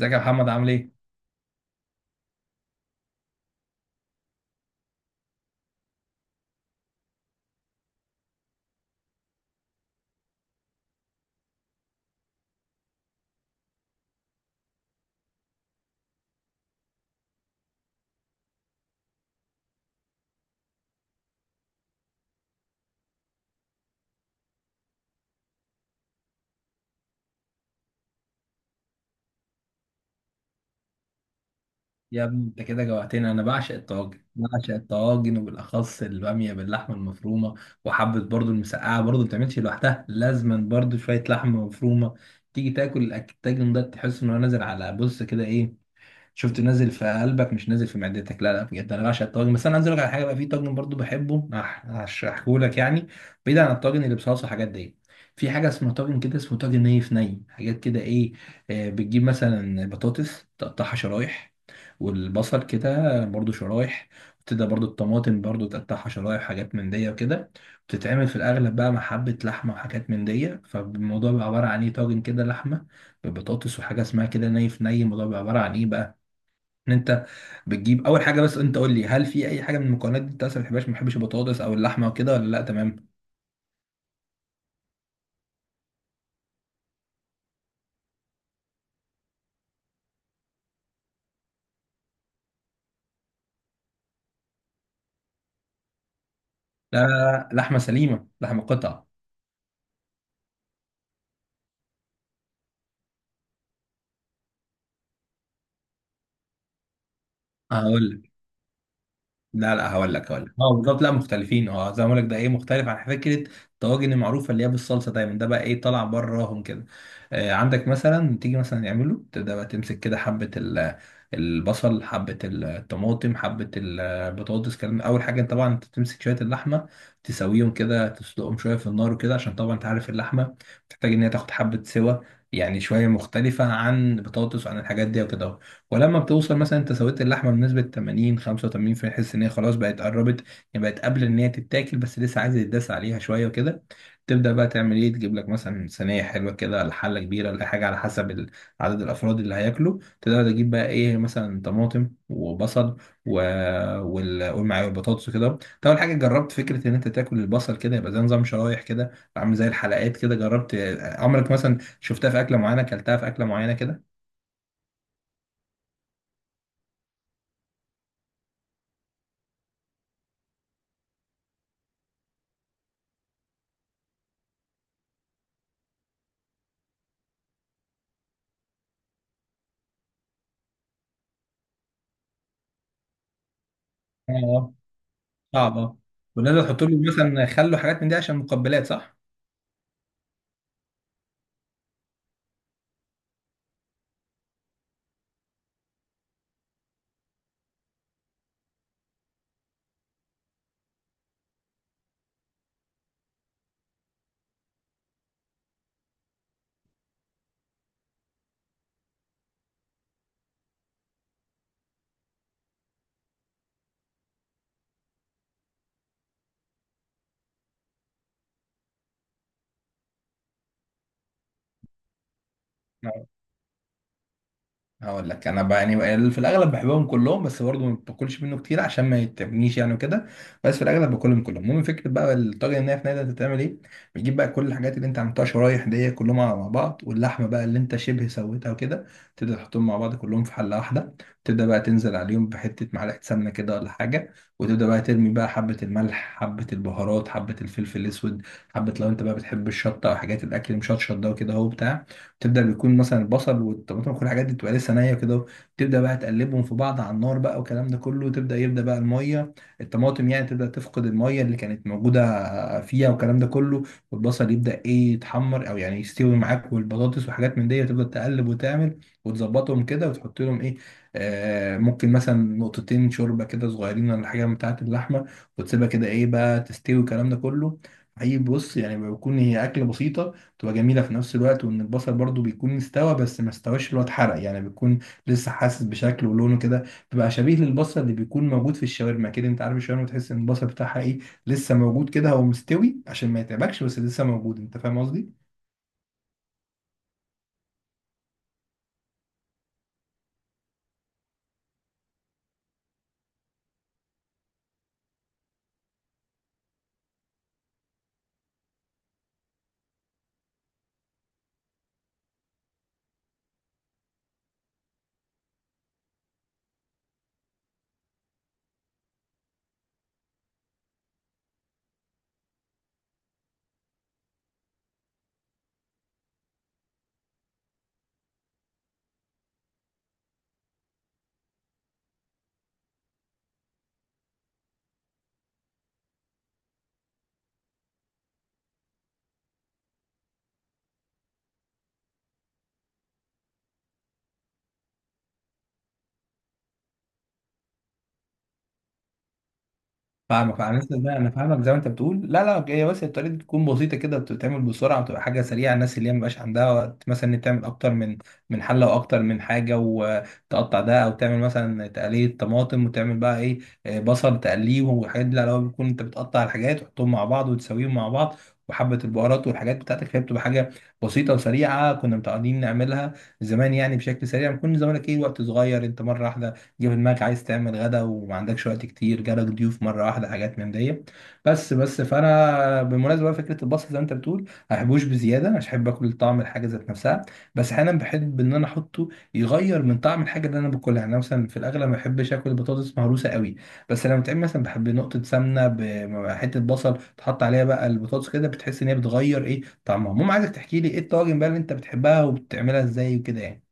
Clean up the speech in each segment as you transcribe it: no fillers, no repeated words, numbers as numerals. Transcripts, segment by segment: ازيك يا محمد عامل ايه؟ يا ابني انت كده جوعتني. انا بعشق الطواجن وبالاخص الباميه باللحمه المفرومه، وحبه برضو المسقعه، برضو ما بتعملش لوحدها، لازما برضو شويه لحمه مفرومه. تيجي تاكل الطاجن ده تحس انه نازل على، بص كده ايه، شفت، نازل في قلبك مش نازل في معدتك. لا لا، بجد انا بعشق الطاجن. بس انا عايز اقول لك على حاجه، بقى في طاجن برضو بحبه، هشرحه لك يعني. بعيد عن الطاجن اللي بصلصه حاجات دي، في حاجه اسمها طاجن كده، اسمه طاجن نيف ني حاجات كده ايه. بتجيب مثلا بطاطس تقطعها شرايح، والبصل كده برضو شرايح، وتبدأ برضو الطماطم برضو تقطعها شرايح، حاجات من دي وكده. بتتعمل في الاغلب بقى مع حبه لحمه وحاجات من دي، فالموضوع بيبقى عباره عن ايه، طاجن كده لحمه ببطاطس، وحاجه اسمها كده نيف ني. الموضوع بيبقى عباره عن ايه بقى، ان انت بتجيب اول حاجه. بس انت قول لي، هل في اي حاجه من المكونات دي انت اصلا ما بتحبهاش؟ ما بتحبش البطاطس او اللحمه وكده ولا لا؟ تمام. لا لا لا، لحمه سليمه، لحمه قطع. هقول لا لا هقول لك هقول لك اه بالظبط، لا مختلفين، اه زي ما بقول لك، ده ايه مختلف عن فكره الطواجن المعروفه اللي هي بالصلصه دايما. ده بقى ايه، طالع براهم كده. آه، عندك مثلا تيجي مثلا يعمله، تبدا بقى تمسك كده حبه البصل، حبه الطماطم، حبه البطاطس، كلام. اول حاجه طبعا انت تمسك شويه اللحمه، تسويهم كده، تسلقهم شويه في النار وكده، عشان طبعا انت عارف اللحمه بتحتاج ان هي تاخد حبه سوا، يعني شويه مختلفه عن البطاطس وعن الحاجات دي وكده. ولما بتوصل مثلا انت سويت اللحمه بنسبه 80 85 في حس ان هي خلاص بقت قربت، يعني بقت قبل ان هي تتاكل، بس لسه عايز يتداس عليها شويه وكده. تبدا بقى تعمل ايه، تجيب لك مثلا صينيه حلوه كده، ولا حله كبيره، ولا حاجه على حسب عدد الافراد اللي هياكلوا. تبدا تجيب بقى ايه، مثلا طماطم وبصل و... والمعايا والبطاطس وكده. انت اول حاجه جربت فكره ان انت تاكل البصل كده، يبقى زي نظام شرايح كده، عامل زي الحلقات كده؟ جربت؟ عمرك مثلا شفتها في اكله معينه، اكلتها في اكله معينه كده؟ اه، صعب، اه. والناس بتحط له مثلا خل وحاجات من دي عشان مقبلات، صح؟ هقول لك انا بقى، يعني في الاغلب بحبهم كلهم، بس برضه ما باكلش منه كتير عشان ما يتعبنيش يعني وكده. بس في الاغلب باكلهم كلهم. المهم، فكره بقى الطاجن الناي في نادي هتتعمل ايه. بتجيب بقى كل الحاجات اللي انت عملتها شرايح دي كلهم مع بعض، واللحمه بقى اللي انت شبه سويتها وكده، تبدا تحطهم مع بعض كلهم في حله واحده. تبدا بقى تنزل عليهم بحته معلقه سمنه كده ولا حاجه، وتبدا بقى ترمي بقى حبه الملح، حبه البهارات، حبه الفلفل الاسود، حبه لو انت بقى بتحب الشطه او حاجات الاكل مشطشط ده وكده اهو بتاع. تبدا بيكون مثلا البصل والطماطم وكل الحاجات دي بتبقى لسه نيه كده. تبدا بقى تقلبهم في بعض على النار بقى والكلام ده كله، تبدا يبدا بقى الميه، الطماطم يعني تبدا تفقد الميه اللي كانت موجوده فيها والكلام ده كله، والبصل يبدا ايه يتحمر، او يعني يستوي معاك، والبطاطس وحاجات من دي. وتبدا تقلب وتعمل وتظبطهم كده وتحط لهم ايه، آه ممكن مثلا نقطتين شوربه كده صغيرين ولا حاجه بتاعه اللحمه، وتسيبها كده ايه بقى تستوي والكلام ده كله. حقيقي، بص، يعني بيكون هي اكله بسيطه، تبقى جميله في نفس الوقت، وان البصل برضو بيكون استوى بس ما استواش اللي هو اتحرق، يعني بيكون لسه حاسس بشكله ولونه كده. بيبقى شبيه للبصل اللي بيكون موجود في الشاورما كده، انت عارف الشاورما تحس ان البصل بتاعها ايه، لسه موجود كده، هو مستوي عشان ما يتعبكش بس لسه موجود. انت فاهم قصدي؟ فاهمك انا، لسه بقى انا فاهمك زي ما انت بتقول، لا لا، هي بس الطريقه دي تكون بسيطه كده، بتتعمل بسرعه وتبقى حاجه سريعه. الناس اللي هي مبقاش عندها وقت مثلا ان تعمل اكتر من حله، واكتر من حاجه، وتقطع ده، او تعمل مثلا تقليه طماطم وتعمل بقى ايه، بصل تقليه والحاجات دي. لا لا، هو بيكون انت بتقطع الحاجات وتحطهم مع بعض وتسويهم مع بعض، وحبة البهارات والحاجات بتاعتك، فهي بتبقى حاجة بسيطة وسريعة. كنا متعودين نعملها زمان يعني بشكل سريع، ما كنا زمانك ايه وقت صغير، انت مرة واحدة جه في دماغك عايز تعمل غدا وما عندكش وقت كتير، جالك ضيوف مره واحده، حاجات من دي بس. فانا بالمناسبه بقى، فكره البصل زي ما انت بتقول، ما بحبوش بزياده، مش بحب اكل طعم الحاجه ذات نفسها، بس احيانا بحب ان انا احطه يغير من طعم الحاجه اللي انا باكلها. يعني أنا مثلا في الاغلب ما بحبش اكل بطاطس مهروسه قوي، بس لما بتعمل مثلا بحب نقطه سمنه، بحته بصل تحط عليها بقى البطاطس كده، بتحس ان هي بتغير ايه طعمها. المهم، عايزك تحكي لي ايه الطواجن بقى اللي انت بتحبها وبتعملها ازاي وكده يعني.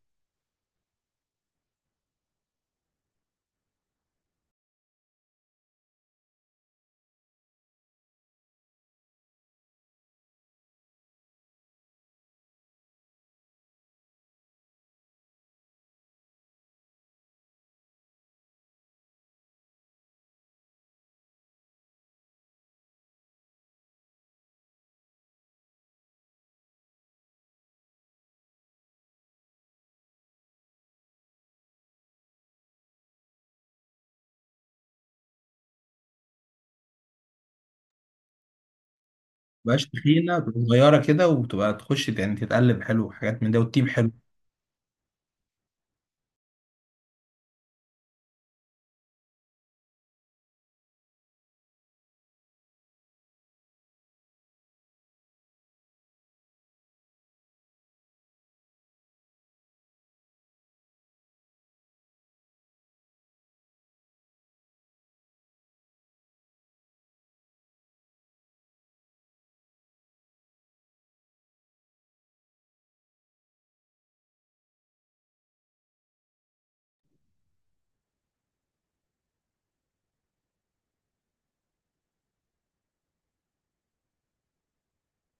مبقاش تخينه، بتبقى صغيره كده، وبتبقى تخش يعني، تتقلب حلو وحاجات من ده وتطيب حلو.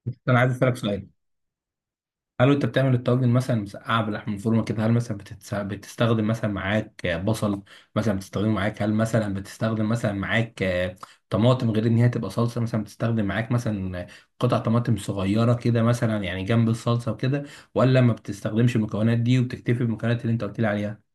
بس انا عايز اسالك سؤال، هل انت بتعمل الطواجن مثلا مسقعه باللحم الفورمه كده، هل مثلا بتستخدم مثلا معاك بصل؟ مثلا بتستخدمه معاك؟ هل مثلا بتستخدم مثلا معاك طماطم غير ان هي تبقى صلصه، مثلا بتستخدم معاك مثلا قطع طماطم صغيره كده مثلا، يعني جنب الصلصه وكده؟ ولا ما بتستخدمش المكونات دي وبتكتفي بالمكونات اللي انت قلت لي عليها؟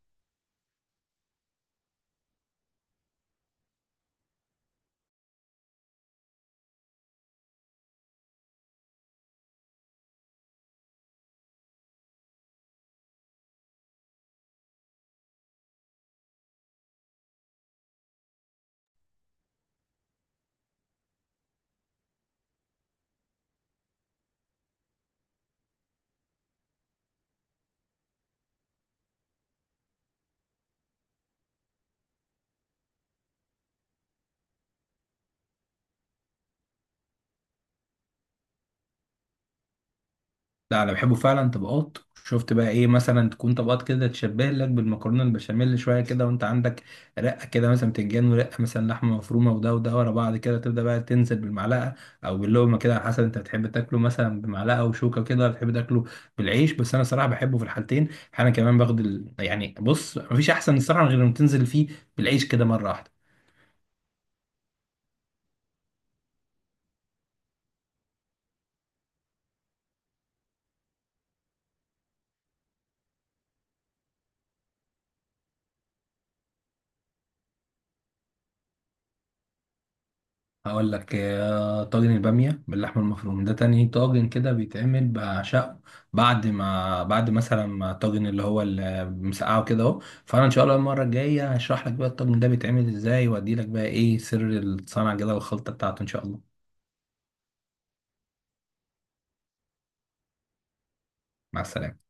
لا، انا بحبه فعلا طبقات. شفت بقى ايه، مثلا تكون طبقات كده تشبه لك بالمكرونه البشاميل شويه كده، وانت عندك رقه كده مثلا بتنجان، ورقه مثلا لحمه مفرومه، وده وده ورا بعض كده، تبدا بقى تنزل بالمعلقه او باللقمه كده، على حسب انت بتحب تاكله مثلا بمعلقه وشوكه كده ولا بتحب تاكله بالعيش. بس انا صراحه بحبه في الحالتين. انا كمان يعني بص، مفيش احسن الصراحه غير لما تنزل فيه بالعيش كده مره واحده. هقول لك، طاجن البامية باللحمة المفرومة، ده تاني طاجن كده بيتعمل بعشقه، بعد ما الطاجن اللي هو اللي مسقعه كده اهو. فانا ان شاء الله المرة الجاية هشرح لك بقى الطاجن ده بيتعمل ازاي، وادي لك بقى ايه سر الصنعة كده والخلطة بتاعته ان شاء الله. مع السلامة.